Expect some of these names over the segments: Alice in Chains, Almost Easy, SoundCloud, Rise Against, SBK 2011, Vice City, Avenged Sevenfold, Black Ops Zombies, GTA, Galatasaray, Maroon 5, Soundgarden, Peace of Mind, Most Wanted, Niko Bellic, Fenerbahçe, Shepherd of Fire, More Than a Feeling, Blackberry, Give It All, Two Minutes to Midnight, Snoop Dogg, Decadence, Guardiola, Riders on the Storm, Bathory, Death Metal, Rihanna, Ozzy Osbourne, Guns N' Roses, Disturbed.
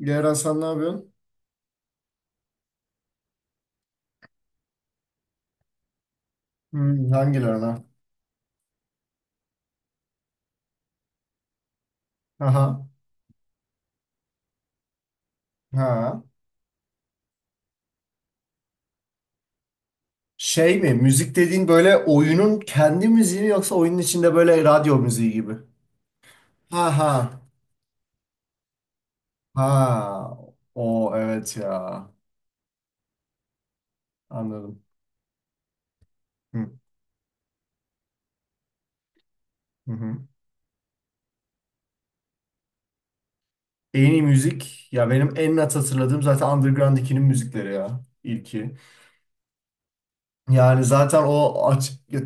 Diğer Hasan, ne yapıyorsun? Hmm, hangilerine? Aha. Ha. Şey mi? Müzik dediğin böyle oyunun kendi müziği mi yoksa oyunun içinde böyle radyo müziği gibi? Ha ha. Ha. O evet ya. Anladım. Hı, hı hı. En iyi müzik ya, benim en net hatırladığım zaten Underground 2'nin müzikleri ya. İlki. Yani zaten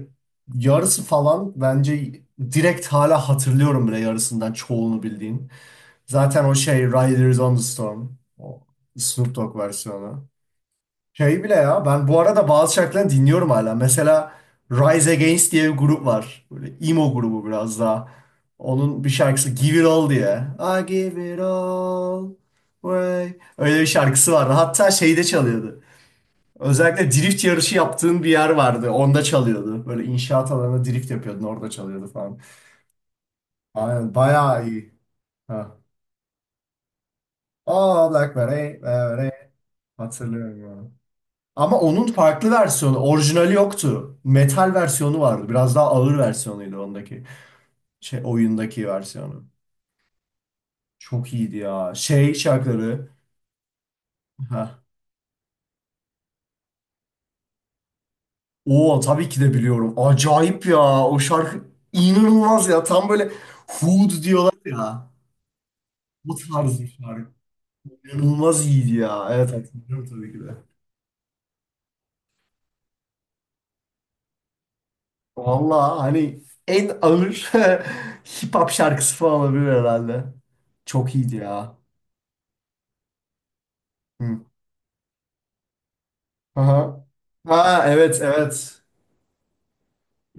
yarısı falan bence direkt hala hatırlıyorum bile yarısından çoğunu bildiğin. Zaten o şey, Riders on the Storm. O Snoop Dogg versiyonu. Şey bile ya, ben bu arada bazı şarkılarını dinliyorum hala. Mesela Rise Against diye bir grup var. Böyle emo grubu biraz daha. Onun bir şarkısı Give It All diye. I give it all away. Öyle bir şarkısı vardı. Hatta şeyde çalıyordu. Özellikle drift yarışı yaptığın bir yer vardı. Onda çalıyordu. Böyle inşaat alanında drift yapıyordun. Orada çalıyordu falan. Aynen, bayağı iyi. Ha. Oh, Blackberry. Hatırlıyorum abi. Ama onun farklı versiyonu, orijinali yoktu. Metal versiyonu vardı. Biraz daha ağır versiyonuydu ondaki. Şey, oyundaki versiyonu. Çok iyiydi ya. Şey şarkıları. Ha. Oo, tabii ki de biliyorum. Acayip ya. O şarkı inanılmaz ya. Tam böyle Hood diyorlar ya. Bu tarz bir şarkı. İnanılmaz iyiydi ya. Evet, hatırlıyorum tabii ki de. Valla hani en ağır hip hop şarkısı falan olabilir herhalde. Çok iyiydi ya. Hı. Aha. Ha, evet evet.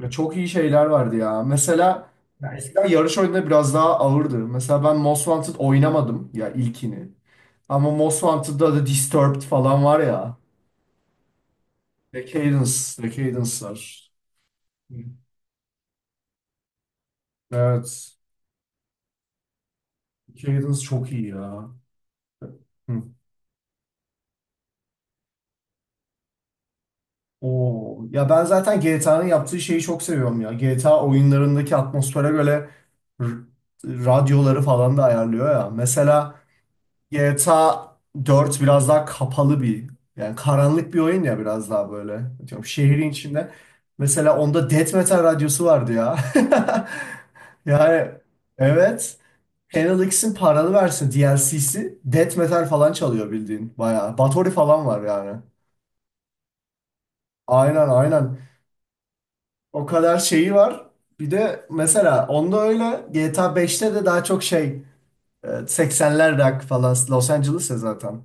Ya çok iyi şeyler vardı ya. Mesela ya eskiden yarış oyunları biraz daha ağırdı. Mesela ben Most Wanted oynamadım ya, ilkini. Ama Most Wanted'da da Disturbed falan var ya. Decadence, Decadence. Hı. Evet. Decadence çok iyi ya. Hı. Oo. Ya ben zaten GTA'nın yaptığı şeyi çok seviyorum ya. GTA oyunlarındaki atmosfere göre r- radyoları falan da ayarlıyor ya. Mesela GTA dört biraz daha kapalı bir, yani karanlık bir oyun ya, biraz daha böyle. Diyorum, şehrin içinde. Mesela onda Death Metal radyosu vardı ya. Yani evet. Channel X'in paralı versin DLC'si Death Metal falan çalıyor bildiğin, bayağı. Bathory falan var yani. Aynen aynen. O kadar şeyi var. Bir de mesela onda öyle, GTA beşte de daha çok şey, 80'ler rock falan Los Angeles'e zaten.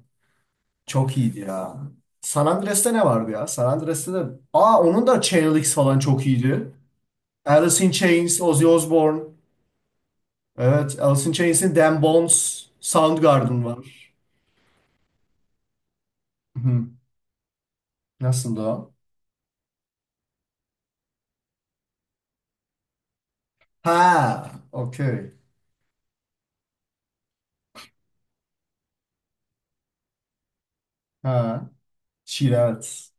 Çok iyiydi ya. San Andreas'te ne vardı ya? San Andreas'te de... Aa, onun da Chainlix falan çok iyiydi. Alice in Chains, Ozzy Osbourne. Evet, Alice in Chains'in Damn Bones, Soundgarden var. Hı. Nasıldı o? Ha, okey. Ha, Şir, evet.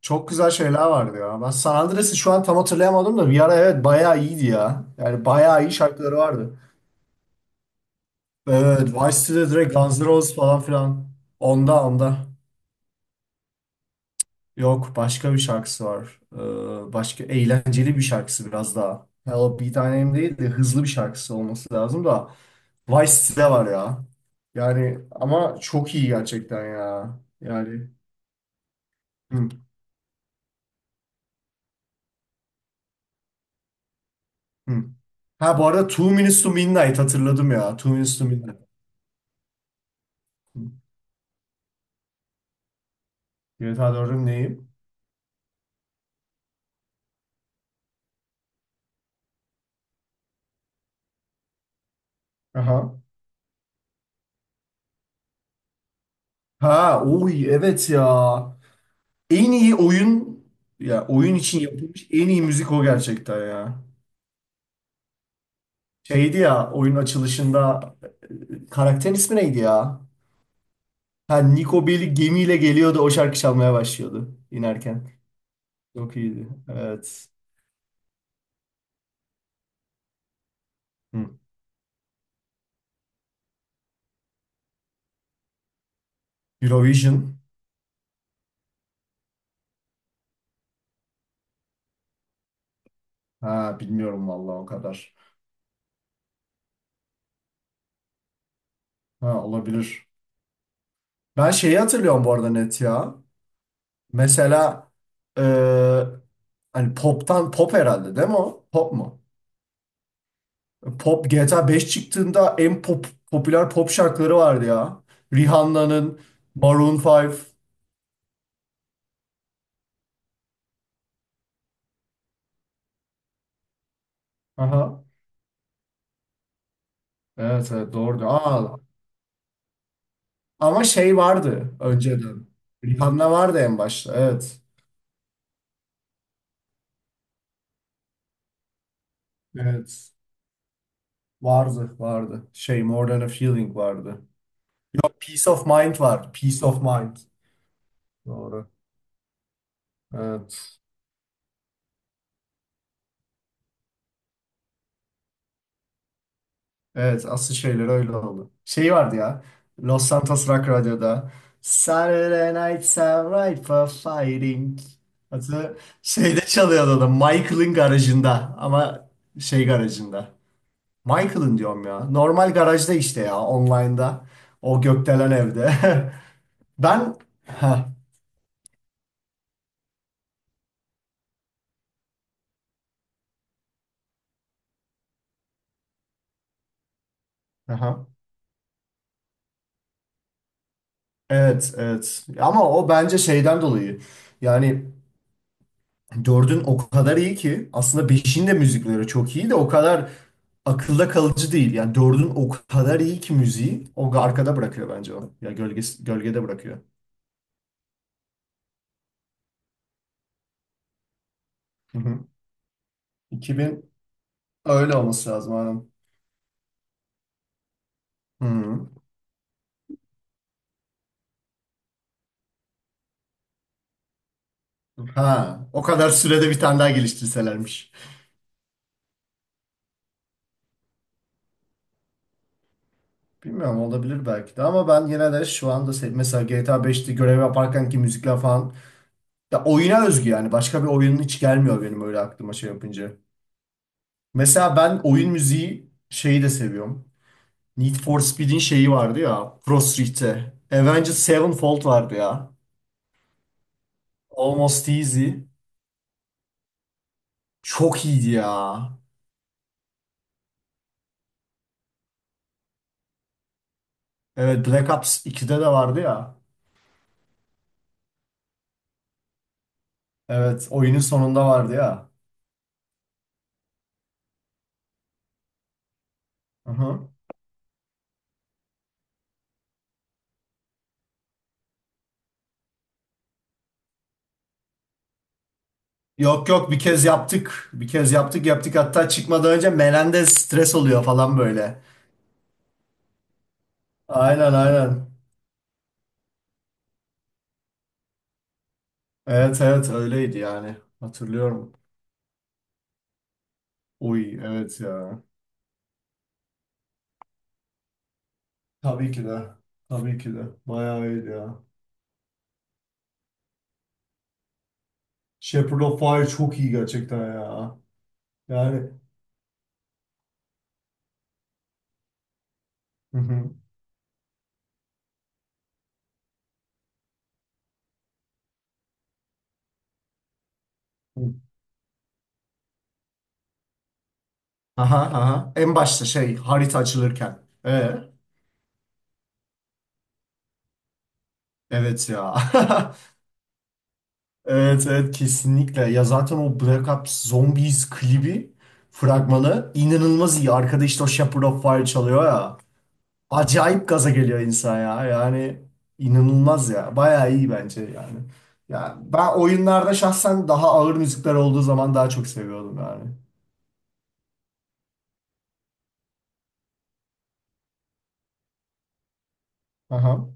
Çok güzel şeyler vardı ya. Ben San Andreas'ı şu an tam hatırlayamadım da, bir ara evet, bayağı iyiydi ya. Yani bayağı iyi şarkıları vardı. Evet, Vice City'de direkt Guns N' Roses falan filan. Onda onda. Yok, başka bir şarkısı var. Başka eğlenceli bir şarkısı biraz daha. Hello bir tanem değil de, hızlı bir şarkısı olması lazım da. Vice City var ya. Yani ama çok iyi gerçekten ya. Yani. Hı, hı. Ha, bu arada Two Minutes to Midnight hatırladım ya. Two Minutes to Midnight. Hı. GTA 4'ün neyi? Aha. Ha oy, evet ya. En iyi oyun, ya oyun için yapılmış en iyi müzik o gerçekten ya. Şeydi ya, oyunun açılışında, karakterin ismi neydi ya? Ha, Niko Bellic gemiyle geliyordu, o şarkı çalmaya başlıyordu inerken. Çok iyiydi. Evet. Hı. Eurovision. Ha, bilmiyorum vallahi o kadar. Ha, olabilir. Ben şeyi hatırlıyorum bu arada, net ya. Mesela, e, hani pop'tan, pop herhalde değil mi o? Pop mu? Pop, GTA 5 çıktığında en pop, popüler pop şarkıları vardı ya. Rihanna'nın, Maroon 5. Aha. Evet, evet doğru. Aa, ama şey vardı önceden. Rihanna vardı en başta. Evet. Evet. Vardı, vardı. Şey, More Than a Feeling vardı. Yok, Peace of Mind var, Peace of Mind. Doğru. Evet. Evet, asıl şeyler öyle oldu. Şey vardı ya. Los Santos Rock Radyo'da. Saturday nights are ripe for fighting. Hatta şeyde çalıyordu da, Michael'ın garajında ama, şey garajında. Michael'ın diyorum ya. Normal garajda işte, ya online'da. O gökdelen evde. Ben, ha, aha. Evet, evet. Ama o bence şeyden dolayı. Yani dördün o kadar iyi ki, aslında beşin de müzikleri çok iyi de, o kadar akılda kalıcı değil. Yani dördün o kadar iyi ki müziği, o arkada bırakıyor bence onu. Ya gölgesi, gölgede bırakıyor. Hı hı. 2000, öyle olması lazım hanım. Hı hı. Ha, o kadar sürede bir tane daha geliştirselermiş. Bilmiyorum, olabilir belki de, ama ben yine de şu anda, mesela GTA 5'te görev yaparken ki müzikler falan, ya oyuna özgü yani, başka bir oyunun hiç gelmiyor benim öyle aklıma şey yapınca. Mesela ben oyun müziği şeyi de seviyorum. Need for Speed'in şeyi vardı ya, Pro Street'te. Avenged Sevenfold vardı ya. Almost Easy. Çok iyiydi ya. Evet, Black Ops 2'de de vardı ya. Evet, oyunun sonunda vardı ya. Aha. Yok yok, bir kez yaptık. Bir kez yaptık, hatta çıkmadan önce Melendez stres oluyor falan böyle. Aynen aynen. Evet evet, öyleydi yani. Hatırlıyorum. Uy, evet ya. Tabii ki de. Tabii ki de. Bayağı iyiydi ya. Shepherd of Fire çok iyi gerçekten ya. Yani. Hı hı. Aha aha. En başta şey, harita açılırken. Ee, evet ya. Evet evet, kesinlikle. Ya zaten o Black Ops Zombies klibi, fragmanı inanılmaz iyi. Arkada işte o Shepherd of Fire çalıyor ya. Acayip gaza geliyor insan ya. Yani inanılmaz ya. Bayağı iyi bence yani. Ya ben oyunlarda şahsen daha ağır müzikler olduğu zaman daha çok seviyordum yani. Aha.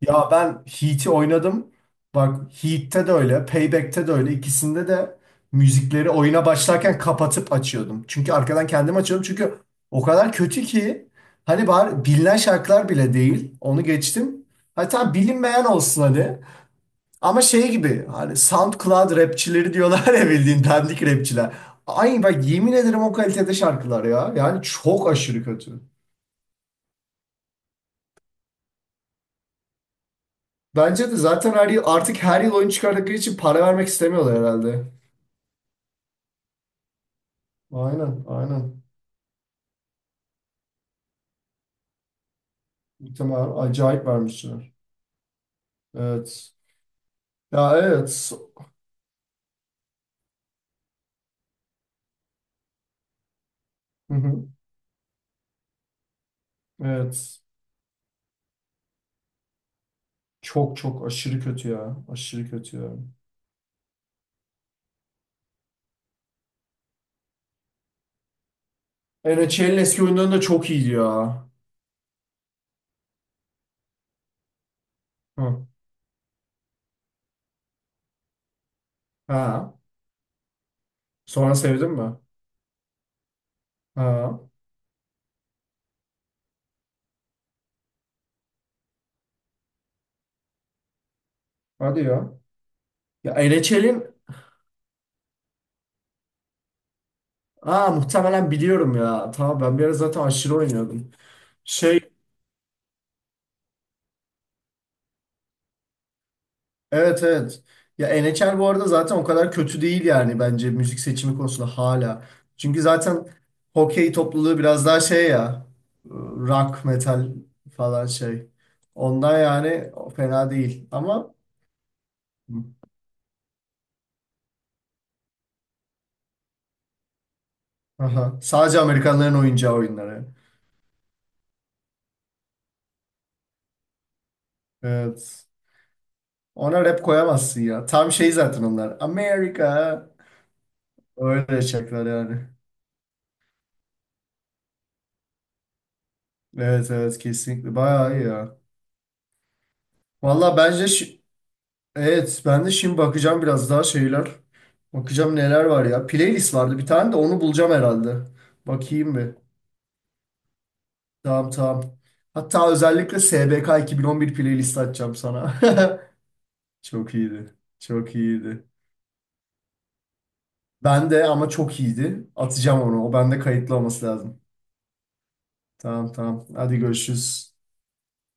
Ya ben Heat'i oynadım. Bak Heat'te de öyle, Payback'te de öyle. İkisinde de müzikleri oyuna başlarken kapatıp açıyordum. Çünkü arkadan kendim açıyordum. Çünkü o kadar kötü ki, hani bari bilinen şarkılar bile değil. Onu geçtim. Hatta bilinmeyen olsun hani. Ama şey gibi, hani SoundCloud rapçileri diyorlar ya, bildiğin dandik rapçiler. Ay bak, yemin ederim o kalitede şarkılar ya. Yani çok aşırı kötü. Bence de zaten her yıl, artık her yıl oyun çıkardıkları için para vermek istemiyorlar herhalde. Aynen, aynen. Muhtemelen acayip vermişler. Evet. Ya evet. Hı hı. Evet. Çok çok aşırı kötü ya. Aşırı kötü ya. NHL'in eski oyunları da çok iyiydi ya. Hı. Ha. Sonra sevdin mi? Ha. Hadi ya. Ya NHL'in, ha muhtemelen biliyorum ya. Tamam, ben bir ara zaten aşırı oynuyordum. Şey, evet evet. Ya NHR bu arada zaten o kadar kötü değil yani bence, müzik seçimi konusunda hala. Çünkü zaten hokey topluluğu biraz daha şey ya, rock metal falan şey. Ondan yani, o fena değil ama, aha, sadece Amerikanların oyuncağı oyunları. Evet. Ona rap koyamazsın ya. Tam şey zaten onlar. Amerika. Öyle şarkılar yani. Evet evet, kesinlikle. Bayağı iyi ya. Valla bence şu, evet, ben de şimdi bakacağım biraz daha şeyler. Bakacağım neler var ya. Playlist vardı bir tane de, onu bulacağım herhalde. Bakayım bir. Tamam tamam. Hatta özellikle SBK 2011 playlist açacağım sana. Çok iyiydi. Çok iyiydi. Ben de, ama çok iyiydi. Atacağım onu. O bende kayıtlı olması lazım. Tamam tamam. Hadi görüşürüz.